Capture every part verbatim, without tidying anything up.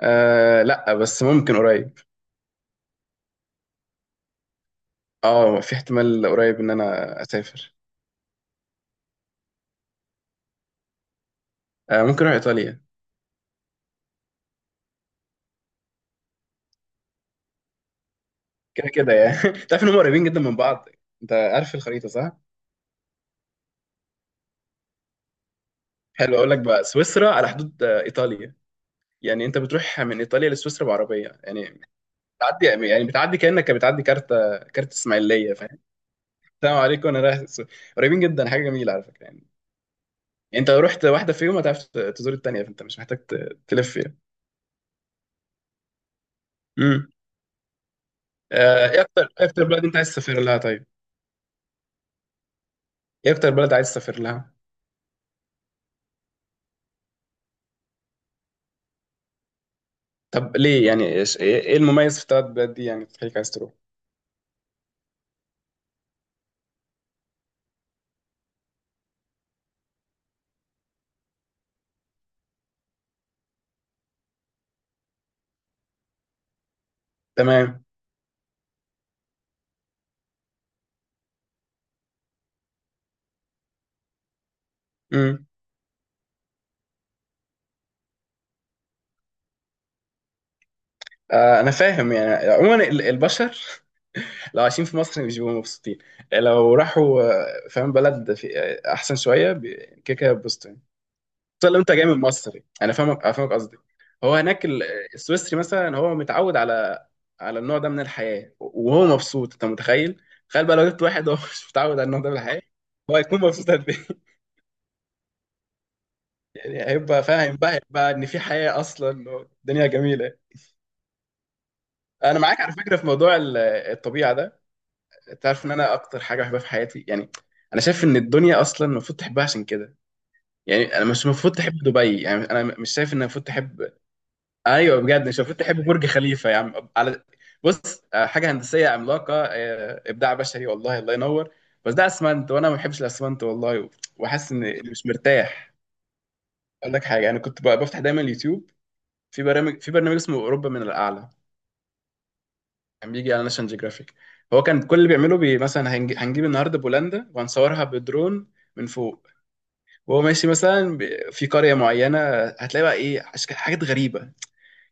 آه لا، بس ممكن قريب. اه في احتمال قريب ان انا اسافر. آه ممكن اروح ايطاليا. كده كده يعني. تعرف ان هم قريبين جدا من بعض. انت عارف الخريطه، صح؟ حلو، اقول لك بقى سويسرا على حدود آه، ايطاليا. يعني انت بتروح من ايطاليا لسويسرا بعربيه يعني. بتعدي يعني بتعدي كانك بتعدي كارت كارت اسماعيليه، فاهم. السلام عليكم انا رايح السو-. قريبين جدا، حاجه جميله على فكره يعني. يعني انت لو رحت واحده فيهم هتعرف ت- تزور التانيه، فانت مش محتاج ت- تلف يعني. امم آه، ايه اكتر إيه اكتر بلد انت عايز تسافر لها، طيب؟ ايه اكتر بلد عايز تسافر لها؟ طب ليه يعني، ايش ايه إيه المميز في الثلاث بلاد دي يعني تخليك عايز تروح؟ تمام. امم آه انا فاهم، يعني عموما ال- البشر، لو عايشين في مصر مش بيبقوا مبسوطين. لو راحوا آه، فاهم بلد في آه، احسن شويه بي-، كده كده يتبسطوا يعني. خصوصا لو انت جاي من مصر يعني. انا فاهمك افهمك قصدي. هو هناك ال-. السويسري مثلا هو متعود على على النوع ده من الحياه، وهو مبسوط، انت متخيل؟ تخيل بقى لو جبت واحد هو مش متعود على النوع ده من الحياه، هو هيكون مبسوط قد ايه؟ يعني هيبقى فاهم بقى، هيبقى ان في حياه اصلا، الدنيا جميله. انا معاك على فكره في موضوع ال- الطبيعه ده. انت عارف ان انا اكتر حاجه بحبها في حياتي يعني، انا شايف ان الدنيا اصلا المفروض تحبها عشان كده. يعني انا مش المفروض تحب دبي، يعني انا مش شايف ان المفروض تحب. ايوه بجد، مش المفروض تحب برج خليفه يا عم على. بص، آه، حاجه هندسيه عملاقه، آه، ابداع بشري، والله الله ينور، بس ده اسمنت وانا ما بحبش الاسمنت والله. وحاسس اني مش مرتاح. اقول لك حاجه، انا كنت بفتح دايما اليوتيوب في برامج في برنامج اسمه اوروبا من الاعلى، كان بيجي على ناشونال جيوغرافيك. هو كان كل اللي بيعمله بي، مثلا هنج- هنجيب النهارده بولندا وهنصورها بدرون من فوق، وهو ماشي مثلا ب- في قريه معينه. هتلاقي بقى ايه أشك- حاجات غريبه.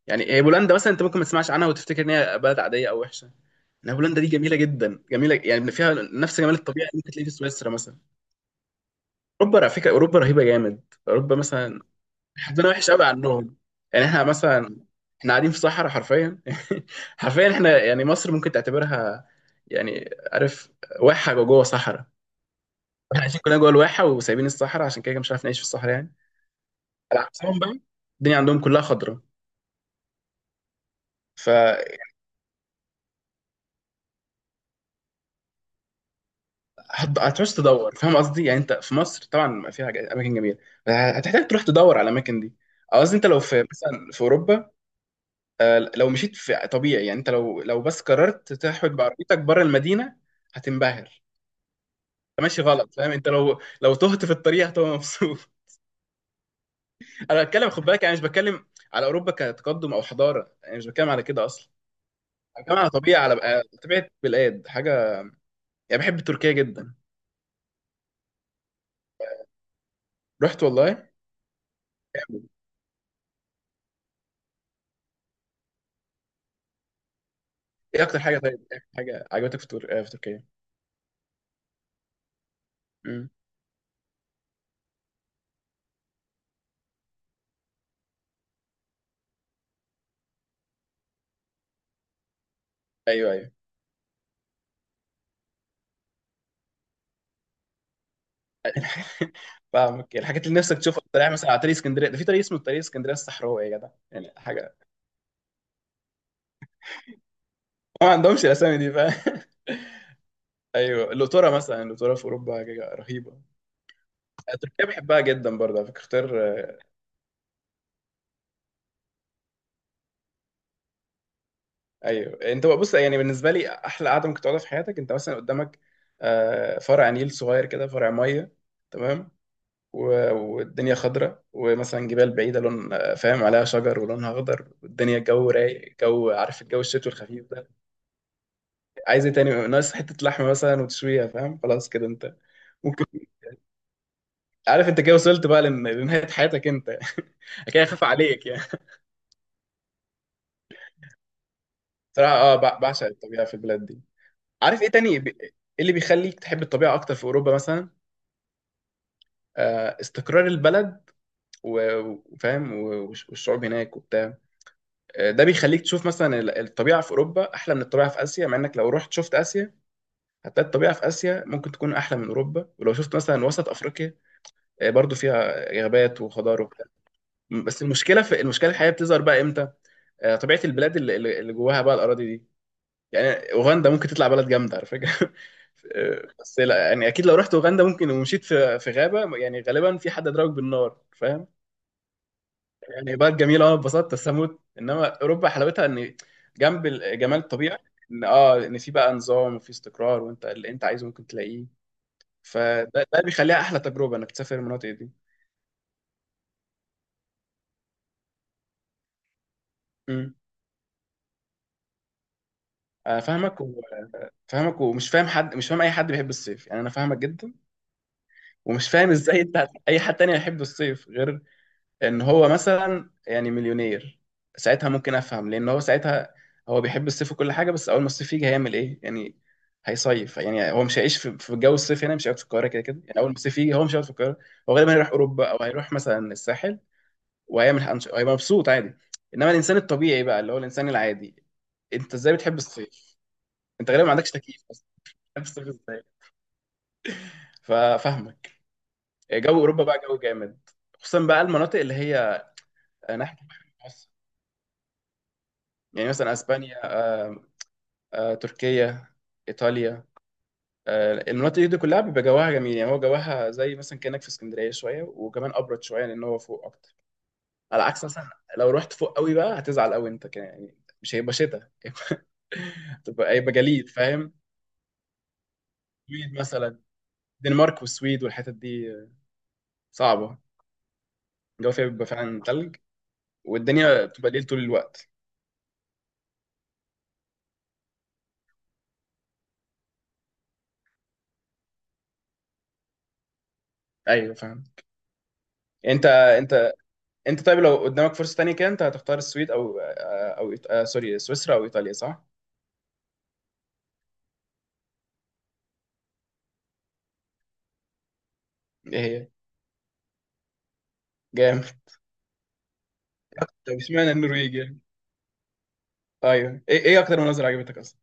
يعني هي بولندا مثلا، انت ممكن ما تسمعش عنها وتفتكر ان هي بلد عاديه او وحشه، انها بولندا دي جميله جدا، جميله يعني، فيها نفس جمال الطبيعه اللي ممكن تلاقيه في سويسرا مثلا. اوروبا على فكره اوروبا رهيبه جامد. اوروبا مثلا، حظنا وحش قوي عنهم. يعني احنا مثلا، احنا قاعدين في صحراء حرفيا، حرفيا احنا يعني مصر ممكن تعتبرها، يعني عارف، واحة جوه جوه صحراء. احنا عايشين كلنا جوه الواحة وسايبين الصحراء، عشان كده كده مش عارف نعيش في الصحراء يعني. على عكسهم بقى، الدنيا عندهم كلها خضرة. ف هت- هتعوز تدور، فاهم قصدي. يعني انت في مصر طبعا في حاجات- اماكن جميله، بس هتحتاج تروح تدور على الاماكن دي، أو قصدي انت لو في مثلا في اوروبا، آه، لو مشيت في طبيعي يعني، انت لو لو بس قررت تحود بعربيتك بره المدينه هتنبهر. ماشي، غلط، فاهم، انت لو لو تهت في الطريق هتبقى مبسوط. انا بتكلم، خد بالك، انا مش بتكلم على اوروبا كتقدم او حضاره، انا مش بتكلم على كده اصلا. انا بتكلم على طبيعه، على بقى- طبيعه بلاد، حاجه. يعني بحب تركيا جدا. رحت والله. ايه اكتر حاجه طيب، ايه اكتر حاجه عجبتك في, تور... آه، في تركيا؟ امم. ايوه ايوه. فاهمك الحاجات اللي نفسك تشوفها. الطريق مثلا، على طريق اسكندريه ده في طريق اسمه طريق اسكندريه الصحراوي، يا جدع يعني حاجه، ما عندهمش الاسامي دي، فاهم. ايوه، اللوتره مثلا، اللوتره في اوروبا حاجه رهيبه. تركيا بحبها جدا برضه على فكره، اختيار. ايوه انت بقى، بص يعني، بالنسبه لي احلى قعده ممكن تقعدها في حياتك، انت مثلا قدامك آه، فرع نيل صغير كده، فرع ميه. تمام. و- والدنيا خضراء، ومثلا جبال بعيده لون آه، فاهم، عليها شجر ولونها اخضر، والدنيا الجو رايق، جو، عارف الجو الشتوي الخفيف ده. عايز ايه تاني، ناقص حته لحمه مثلا وتشويها، فاهم، خلاص كده انت. ممكن. عارف انت كده وصلت بقى لن- لنهايه حياتك انت، كده خاف عليك يعني. صراحه، اه بع- بعشق الطبيعه في البلاد دي. عارف ايه تاني بي- ايه اللي بيخليك تحب الطبيعه اكتر في اوروبا مثلا؟ آه، استقرار البلد، و- وفاهم، و- والش- والشعوب هناك وبتاع، آه، ده بيخليك تشوف مثلا ال- الطبيعة في أوروبا أحلى من الطبيعة في آسيا، مع إنك لو رحت شفت آسيا هتلاقي الطبيعة في آسيا ممكن تكون أحلى من أوروبا. ولو شفت مثلا وسط أفريقيا آه، برضو فيها غابات وخضار وبتاع. م- بس المشكلة، في المشكلة الحقيقية بتظهر بقى إمتى؟ آه، طبيعة البلاد اللي اللي- اللي جواها بقى الأراضي دي. يعني أوغندا ممكن تطلع بلد جامدة على فكرة. آه، بس لا يعني، أكيد لو رحت أوغندا ممكن ومشيت في في غابة يعني غالبا في حد ضربك بالنار، فاهم. يعني بلد جميله، انا اتبسطت بس هموت، انما اوروبا حلاوتها ان، جنب ال- جمال الطبيعه، ان اه ان في بقى نظام وفي استقرار، وانت اللي انت عايزه ممكن تلاقيه. فده ده بيخليها احلى تجربه انك تسافر المناطق دي. امم آه، فاهمك و- فاهمك ومش فاهم حد، مش فاهم اي حد بيحب الصيف يعني، انا فاهمك جدا. ومش فاهم ازاي انت، اي حد تاني هيحب الصيف غير ان هو مثلا يعني مليونير، ساعتها ممكن افهم. لان هو ساعتها هو بيحب الصيف وكل حاجه، بس اول ما الصيف يجي هيعمل ايه يعني؟ هيصيف. يعني هو مش هيعيش في في جو الصيف هنا، مش هيقعد في القاهره. كده كده يعني، اول ما الصيف يجي هو مش هيقعد في القاهره. هو غالبا هيروح اوروبا او هيروح مثلا الساحل، وهيعمل أنش-، هيبقى مبسوط عادي. انما الانسان الطبيعي بقى، اللي هو الانسان العادي، انت ازاي بتحب الصيف؟ انت غالبا ما عندكش تكييف اصلا، بتحب الصيف ازاي؟ ففاهمك. جو اوروبا بقى جو جامد، خصوصا بقى المناطق اللي هي ناحيه البحر المتوسط، يعني مثلا اسبانيا، آه، تركيا، ايطاليا. آه، المناطق دي كلها بيبقى جواها جميل، يعني هو جواها زي مثلا كانك في اسكندريه شويه وكمان ابرد شويه، لان هو فوق اكتر. على عكس مثلا لو رحت فوق قوي بقى هتزعل قوي انت كده يعني. مش هيبقى شتاء، تبقى هيبقى جليد، فاهم. سويد مثلا. الدنمارك والسويد والحتت دي صعبه، الجو فيها بيبقى فعلا تلج، والدنيا بتبقى ليل طول الوقت. ايوه فاهم. انت انت انت، طيب لو قدامك فرصه تانية كده انت هتختار السويد او آه، او إيط- آه، سوري، سويسرا او ايطاليا، صح؟ ايه هي؟ جامد. طب اشمعنى النرويج يعني؟ ايوه، ايه ايه اكتر مناظر عجبتك اصلا؟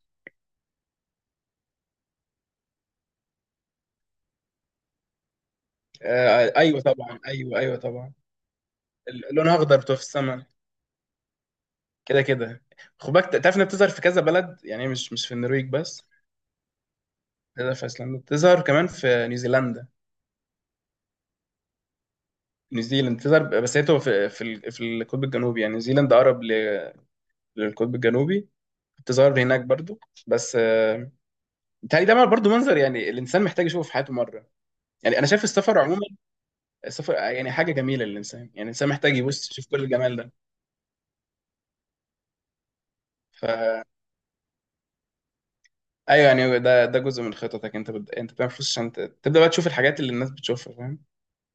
آه ايوه طبعا، ايوه ايوه طبعا. اللون اخضر بتوع في السماء، كده كده. خد بالك، تعرف انها بتظهر في كذا بلد يعني، مش مش في النرويج بس. بتظهر في ايسلندا، بتظهر كمان في نيوزيلندا. نيوزيلند بتظهر، بس هي بتبقى في في ال- في القطب الجنوبي. يعني نيوزيلند اقرب ل- للقطب الجنوبي، بتظهر هناك برضو. بس آه، بيتهيألي ده برضو منظر يعني الانسان محتاج يشوفه في حياته مره. يعني انا شايف السفر عموما، سفر يعني، حاجة جميلة للإنسان، يعني الإنسان محتاج يبص يشوف كل الجمال ده. فا أيوه يعني، ده ده جزء من خططك. أنت بد... أنت بتعمل فلوس عشان ت- تبدأ بقى تشوف الحاجات اللي الناس بتشوفها، فاهم.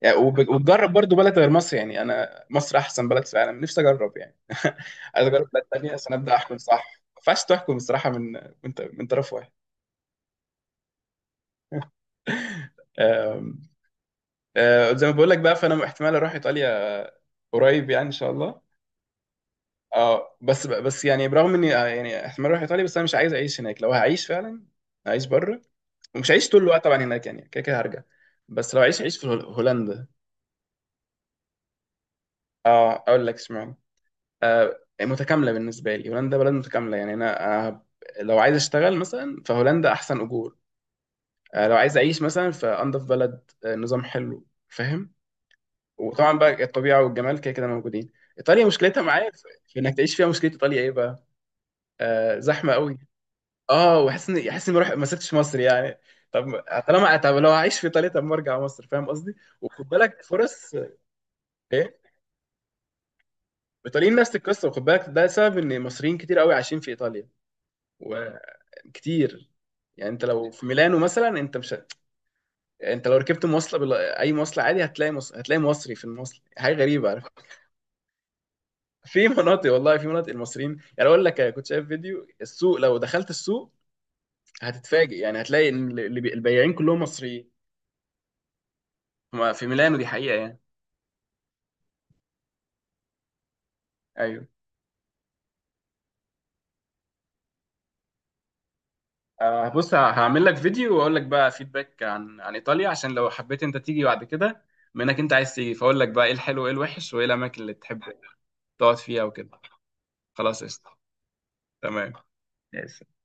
يعني وب... وتجرب برضو بلد غير مصر، يعني أنا مصر أحسن بلد في العالم، نفسي أجرب يعني. عايز أجرب بلد تانية عشان أبدأ أحكم صح، ما ينفعش تحكم بصراحة من من, من طرف واحد. أم... أه زي ما بقول لك بقى، فأنا احتمال أروح إيطاليا قريب يعني، إن شاء الله. اه بس بس يعني برغم اني آه، يعني احتمال اروح ايطاليا، بس انا مش عايز اعيش هناك. لو هعيش فعلا هعيش بره، مش هعيش طول الوقت طبعا هناك، يعني كده كده هرجع. بس لو عيش عيش في هول- هولندا. اه اقول لك اشمعنى، آه متكامله. بالنسبه لي هولندا بلد متكامله يعني انا. آه لو عايز اشتغل مثلا فهولندا احسن اجور، آه لو عايز اعيش مثلا فانضف بلد، آه نظام حلو، فاهم. وطبعا بقى الطبيعه والجمال كده كده موجودين. ايطاليا مشكلتها معايا في في انك تعيش فيها. مشكله ايطاليا ايه بقى؟ آه زحمه قوي. اه وحاسس اني، حاسس اني ما روح- ما سبتش مصر يعني. طب، طالما، طب لو هعيش في ايطاليا طب ما ارجع مصر، فاهم قصدي. وخد بالك فرص. ايه. الايطاليين نفس القصه، وخد بالك ده سبب ان مصريين كتير قوي عايشين في ايطاليا، وكتير. يعني انت لو في ميلانو مثلا، انت مش هت...، انت لو ركبت مواصله بال...، اي مواصله عادي هتلاقي مص... هتلاقي مصري في المواصله، حاجه غريبه على فكره. في مناطق والله، في مناطق المصريين، يعني اقول لك كنت شايف فيديو السوق. لو دخلت السوق هتتفاجئ، يعني هتلاقي ان اللي بي- البياعين كلهم مصريين، هما في ميلانو، دي حقيقه يعني. ايوه، آه، بص، ه- هعمل لك فيديو واقول لك بقى فيدباك عن عن ايطاليا، عشان لو حبيت انت تيجي بعد كده. منك انت عايز تيجي، فاقول لك بقى ايه الحلو وايه الوحش وايه الاماكن اللي تحب تقعد فيها وكده. خلاص، قشطة. تمام. ماشي.